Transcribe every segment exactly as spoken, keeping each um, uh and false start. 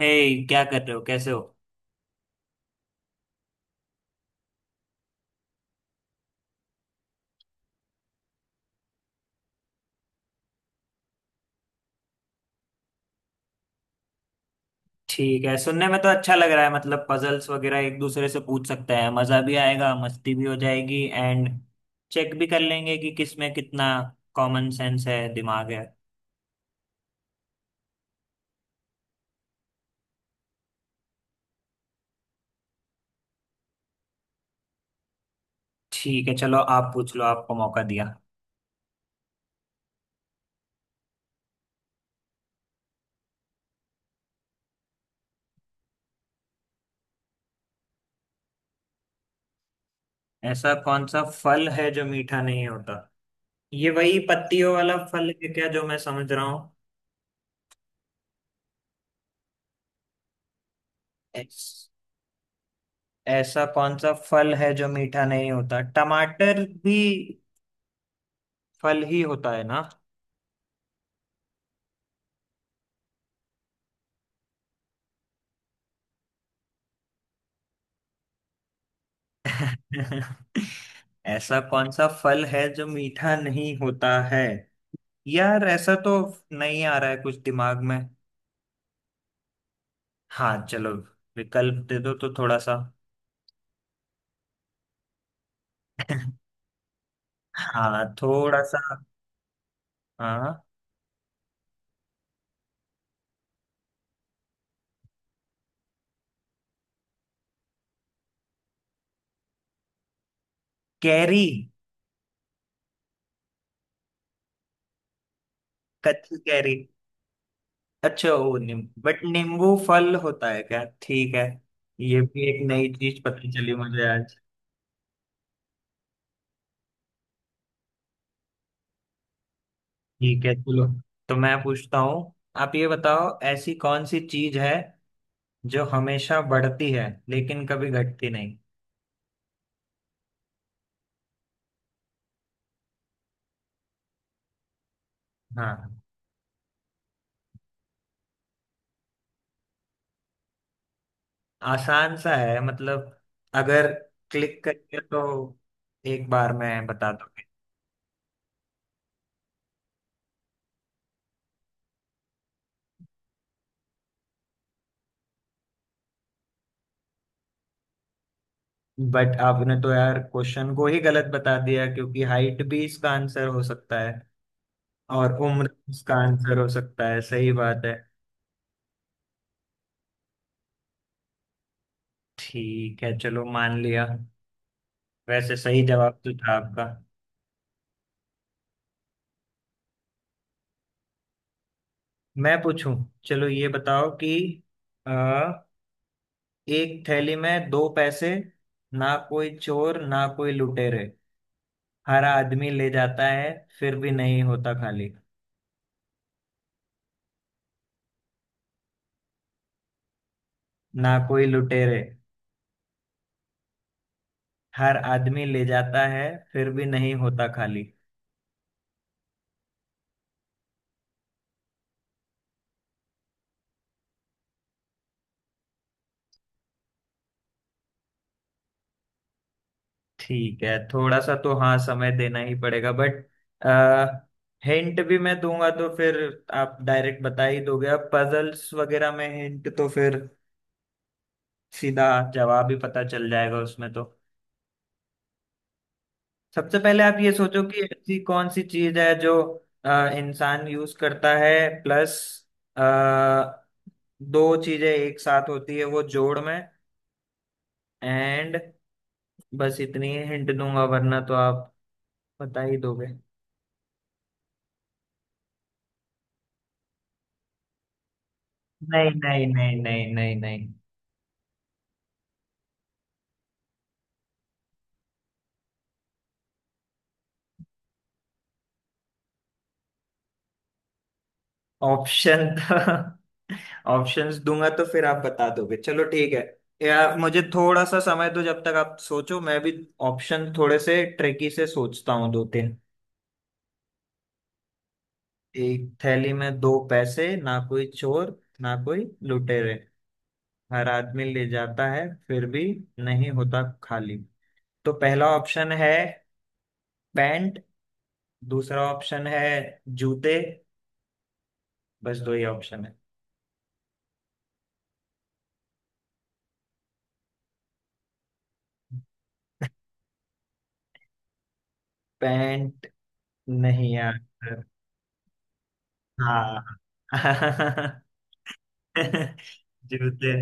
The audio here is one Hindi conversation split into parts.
हे। क्या कर रहे हो, कैसे हो। ठीक है, सुनने में तो अच्छा लग रहा है। मतलब पजल्स वगैरह एक दूसरे से पूछ सकते हैं, मजा भी आएगा, मस्ती भी हो जाएगी। एंड चेक भी कर लेंगे कि किस में कितना कॉमन सेंस है, दिमाग है। ठीक है, चलो आप पूछ लो, आपको मौका दिया। ऐसा कौन सा फल है जो मीठा नहीं होता। ये वही पत्तियों वाला फल है क्या जो मैं समझ रहा हूँ। ऐस- ऐसा कौन सा फल है जो मीठा नहीं होता। टमाटर भी फल ही होता है ना। ऐसा कौन सा फल है जो मीठा नहीं होता है। यार ऐसा तो नहीं आ रहा है कुछ दिमाग में। हाँ चलो, विकल्प दे दो तो थोड़ा सा। हाँ थोड़ा सा। हाँ। कैरी। कच्ची कैरी। अच्छा, वो नीम बट नींबू फल होता है क्या, ठीक है। ये भी एक नई चीज पता चली मुझे आज। ठीक है चलो, तो मैं पूछता हूँ। आप ये बताओ, ऐसी कौन सी चीज है जो हमेशा बढ़ती है लेकिन कभी घटती नहीं। हाँ। आसान सा है मतलब, अगर क्लिक करके तो एक बार मैं बता दूंगी। बट आपने तो यार क्वेश्चन को ही गलत बता दिया, क्योंकि हाइट भी इसका आंसर हो सकता है और उम्र भी इसका आंसर हो सकता है, सही बात है। ठीक है चलो, मान लिया। वैसे सही जवाब तो था आपका। मैं पूछूं। चलो ये बताओ कि एक थैली में दो पैसे, ना कोई चोर ना कोई लुटेरे, हर आदमी ले जाता है फिर भी नहीं होता खाली। ना कोई लुटेरे। हर आदमी ले जाता है, फिर भी नहीं होता खाली। ठीक है, थोड़ा सा तो हाँ समय देना ही पड़ेगा। बट हिंट भी मैं दूंगा तो फिर आप डायरेक्ट बता ही दोगे। अब पजल्स वगैरह में हिंट तो फिर सीधा जवाब ही पता चल जाएगा उसमें तो। सबसे पहले आप ये सोचो कि ऐसी कौन सी चीज है जो अ, इंसान यूज करता है। प्लस दो चीजें एक साथ होती है वो जोड़ में। एंड बस इतनी ही हिंट दूंगा, वरना तो आप बता ही दोगे। नहीं नहीं नहीं नहीं नहीं नहीं। ऑप्शन तो ऑप्शंस दूंगा तो फिर आप बता दोगे, चलो ठीक है। यार मुझे थोड़ा सा समय दो, जब तक आप सोचो मैं भी ऑप्शन थोड़े से ट्रिकी से सोचता हूँ, दो तीन। एक थैली में दो पैसे, ना कोई चोर ना कोई लुटेरे, हर आदमी ले जाता है फिर भी नहीं होता खाली। तो पहला ऑप्शन है पैंट। दूसरा ऑप्शन है जूते। बस दो ही ऑप्शन है। पैंट नहीं यार। हाँ। जूते।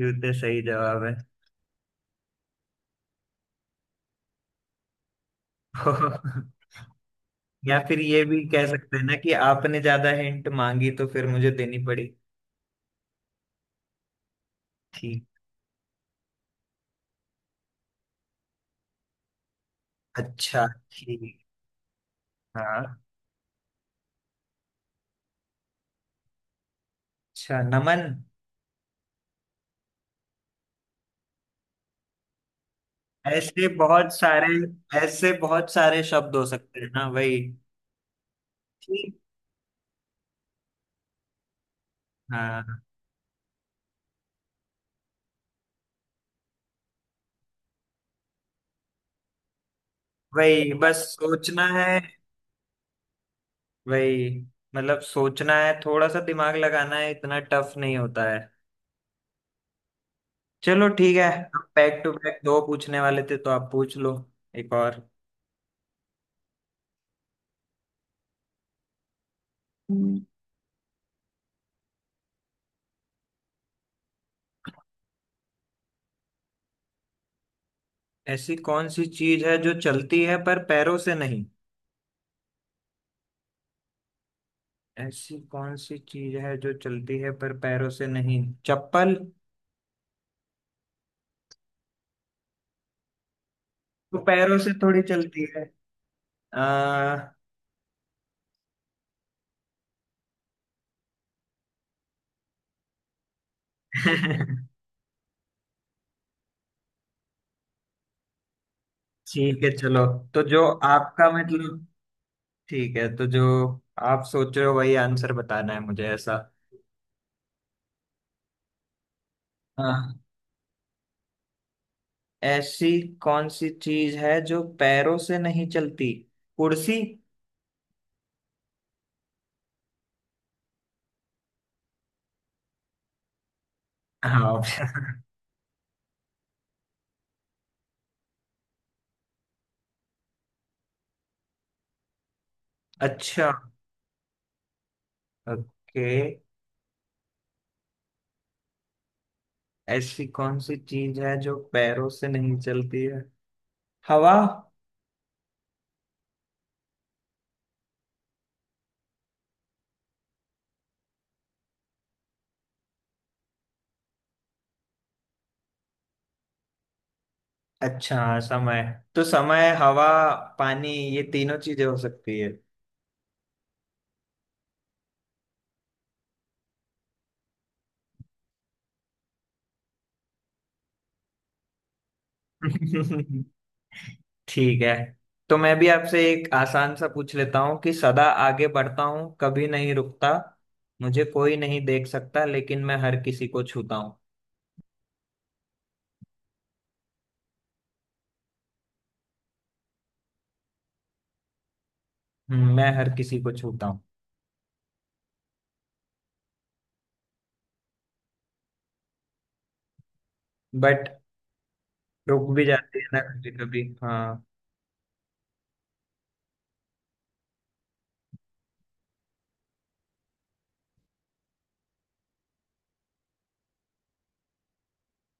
जूते सही जवाब है। या फिर ये भी कह सकते हैं ना कि आपने ज्यादा हिंट मांगी तो फिर मुझे देनी पड़ी। अच्छा। ठीक। हाँ। अच्छा, नमन। ऐसे बहुत सारे, ऐसे बहुत सारे शब्द हो सकते हैं ना वही। ठीक। हाँ। वही बस सोचना है। वही, मतलब सोचना है, थोड़ा सा दिमाग लगाना है, इतना टफ नहीं होता है। चलो ठीक है। अब बैक टू बैक दो पूछने वाले थे तो आप पूछ लो, एक और। हम्म, ऐसी कौन सी चीज है जो चलती है पर पैरों से नहीं। ऐसी कौन सी चीज है जो चलती है पर पैरों से नहीं, चप्पल। तो पैरों से थोड़ी चलती है। आ, ठीक है चलो। तो जो आपका मतलब, ठीक है, तो जो आप सोच रहे हो वही आंसर बताना है मुझे, ऐसा। हाँ। ऐसी कौन सी चीज है जो पैरों से नहीं चलती, कुर्सी। हाँ। अच्छा। ओके। ऐसी कौन सी चीज है जो पैरों से नहीं चलती है, हवा। अच्छा हाँ, समय। तो समय, हवा, पानी, ये तीनों चीजें हो सकती है। ठीक है, तो मैं भी आपसे एक आसान सा पूछ लेता हूँ कि सदा आगे बढ़ता हूँ कभी नहीं रुकता, मुझे कोई नहीं देख सकता लेकिन मैं हर किसी को छूता हूँ। हम्म, मैं हर किसी को छूता हूँ। बट रुक भी जाती है ना कभी कभी, हाँ।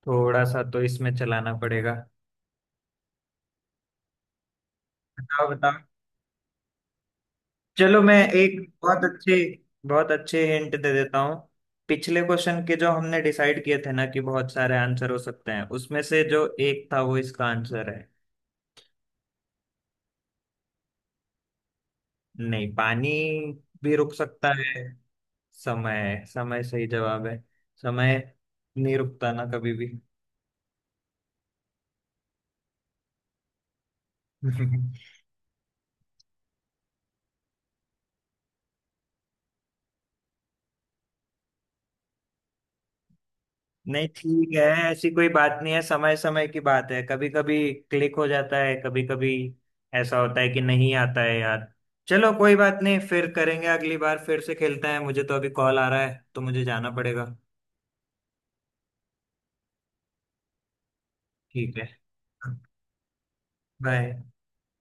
थोड़ा सा तो इसमें चलाना पड़ेगा। बताओ बताओ। चलो मैं एक बहुत अच्छे, बहुत अच्छे हिंट दे देता हूँ। पिछले क्वेश्चन के जो हमने डिसाइड किए थे ना कि बहुत सारे आंसर हो सकते हैं, उसमें से जो एक था वो इसका आंसर है। नहीं पानी भी रुक सकता है। समय। समय सही जवाब है। समय नहीं रुकता ना कभी भी। नहीं ठीक है, ऐसी कोई बात नहीं है। समय समय की बात है, कभी कभी क्लिक हो जाता है, कभी कभी ऐसा होता है कि नहीं आता है यार। चलो कोई बात नहीं, फिर करेंगे, अगली बार फिर से खेलते हैं। मुझे तो अभी कॉल आ रहा है तो मुझे जाना पड़ेगा। ठीक है। बाय।